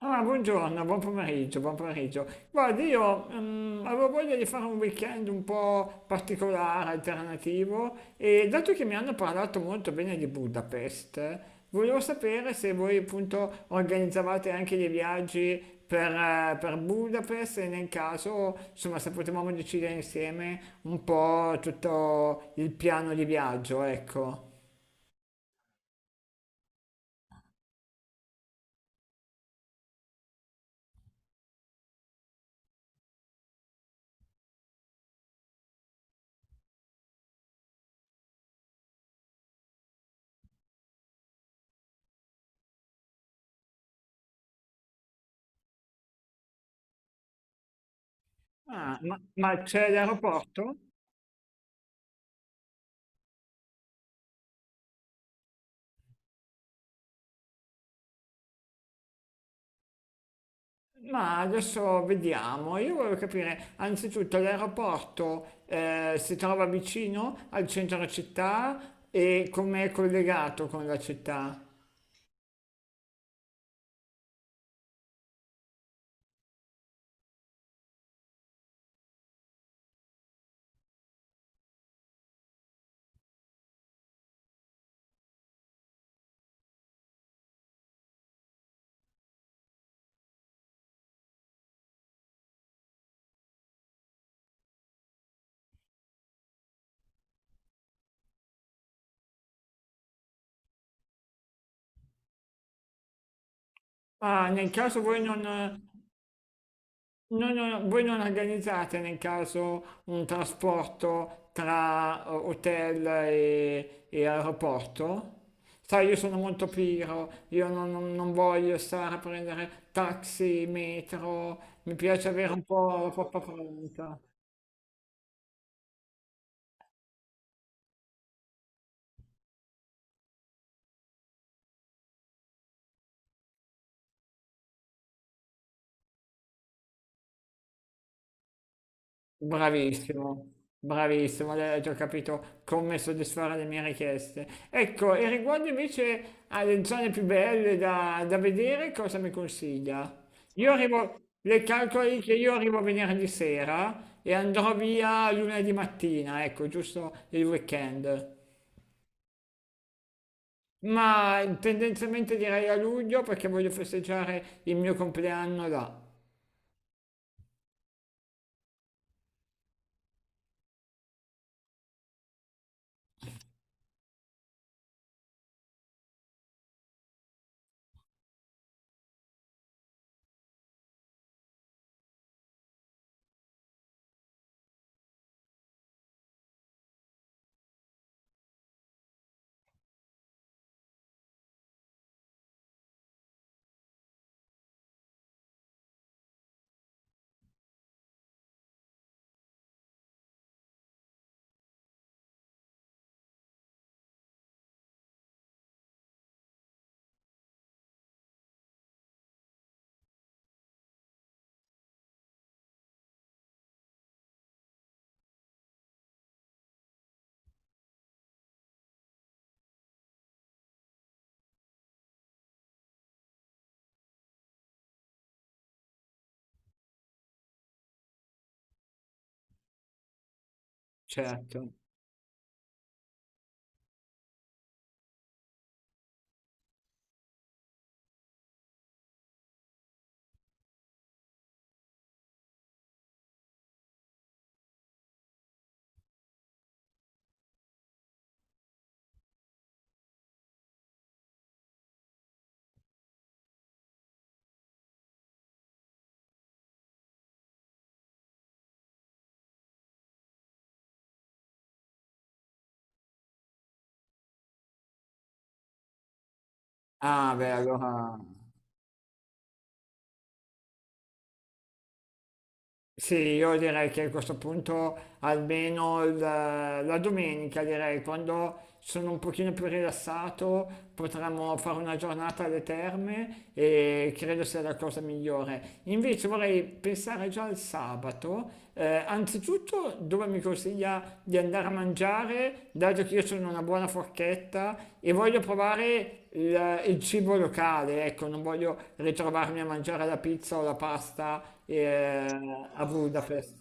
Ah, buongiorno, buon pomeriggio, buon pomeriggio. Guardi, io avevo voglia di fare un weekend un po' particolare, alternativo, e dato che mi hanno parlato molto bene di Budapest, volevo sapere se voi appunto organizzavate anche dei viaggi per Budapest e nel caso, insomma, se potevamo decidere insieme un po' tutto il piano di viaggio, ecco. Ah, ma c'è l'aeroporto? Ma adesso vediamo, io volevo capire, anzitutto l'aeroporto si trova vicino al centro città e come è collegato con la città? Ah, nel caso voi voi non organizzate nel caso un trasporto tra hotel e aeroporto? Sai, io sono molto pigro, io non voglio stare a prendere taxi, metro, mi piace avere un po' la poppa pronta. Bravissimo, bravissimo, hai già capito come soddisfare le mie richieste. Ecco, e riguardo invece alle zone più belle da vedere, cosa mi consiglia? Io arrivo, le calcoli che io arrivo venerdì sera e andrò via lunedì mattina, ecco, giusto il weekend. Ma tendenzialmente direi a luglio perché voglio festeggiare il mio compleanno là, certo. Ah, beh, allora sì, io direi che a questo punto almeno la domenica, direi, quando sono un pochino più rilassato, potremmo fare una giornata alle terme e credo sia la cosa migliore. Invece vorrei pensare già al sabato, anzitutto dove mi consiglia di andare a mangiare, dato che io sono una buona forchetta e voglio provare il cibo locale, ecco, non voglio ritrovarmi a mangiare la pizza o la pasta a Budapest.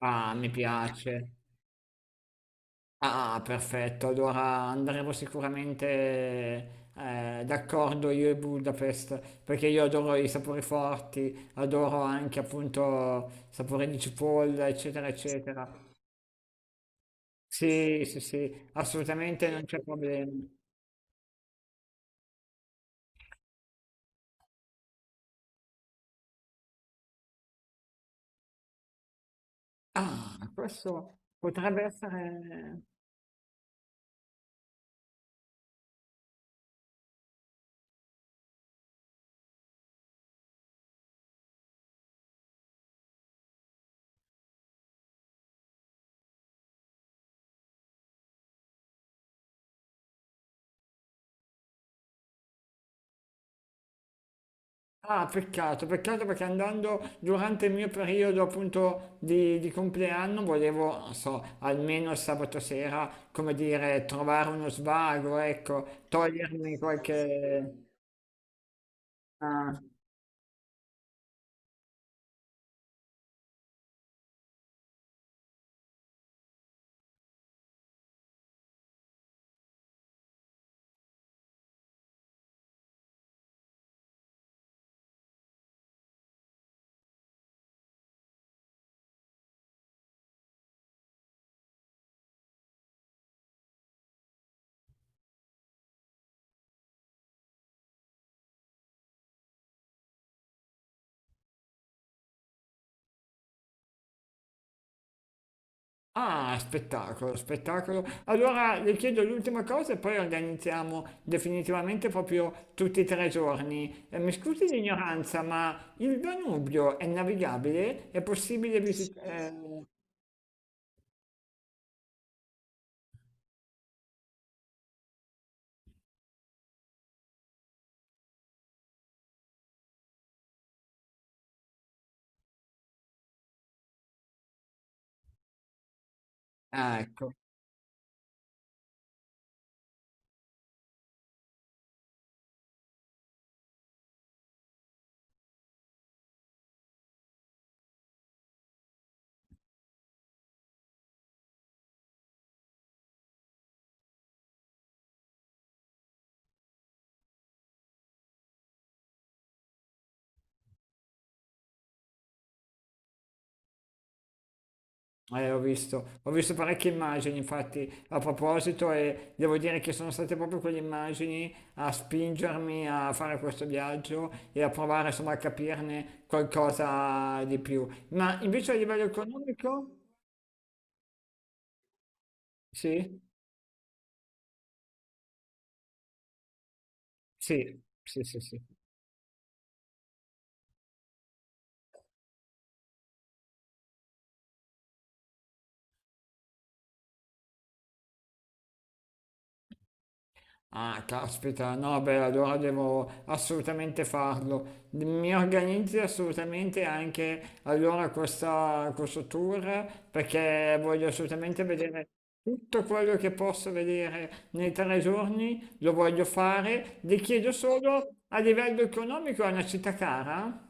Ah, mi piace. Ah, perfetto. Allora andremo sicuramente d'accordo io e Budapest, perché io adoro i sapori forti, adoro anche appunto sapore di cipolla, eccetera, eccetera. Sì, sì, sì, assolutamente non c'è problema. Ah, questo potrebbe essere ah, peccato, peccato perché andando durante il mio periodo appunto di compleanno volevo, non so, almeno il sabato sera, come dire, trovare uno svago, ecco, togliermi qualche... Ah, ah, spettacolo, spettacolo. Allora le chiedo l'ultima cosa e poi organizziamo definitivamente proprio tutti e 3 giorni. Mi scusi l'ignoranza, ma il Danubio è navigabile? È possibile visitare... Ah, ecco. Ho visto parecchie immagini, infatti, a proposito, e devo dire che sono state proprio quelle immagini a spingermi a fare questo viaggio e a provare, insomma, a capirne qualcosa di più. Ma invece a livello economico? Sì, sì, sì, sì, sì. Ah, caspita, no, beh, allora devo assolutamente farlo. Mi organizzi assolutamente anche allora questa, questo tour perché voglio assolutamente vedere tutto quello che posso vedere nei 3 giorni, lo voglio fare. Le chiedo solo a livello economico è una città cara?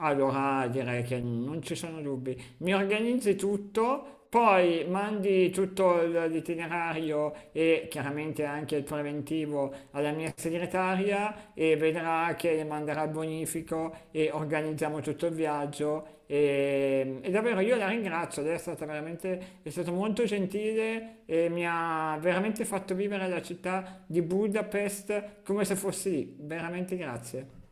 Allora direi che non ci sono dubbi. Mi organizzi tutto, poi mandi tutto l'itinerario e chiaramente anche il preventivo alla mia segretaria e vedrà che le manderà il bonifico e organizziamo tutto il viaggio. E davvero io la ringrazio, lei è stata veramente, è stato molto gentile e mi ha veramente fatto vivere la città di Budapest come se fossi lì. Veramente grazie.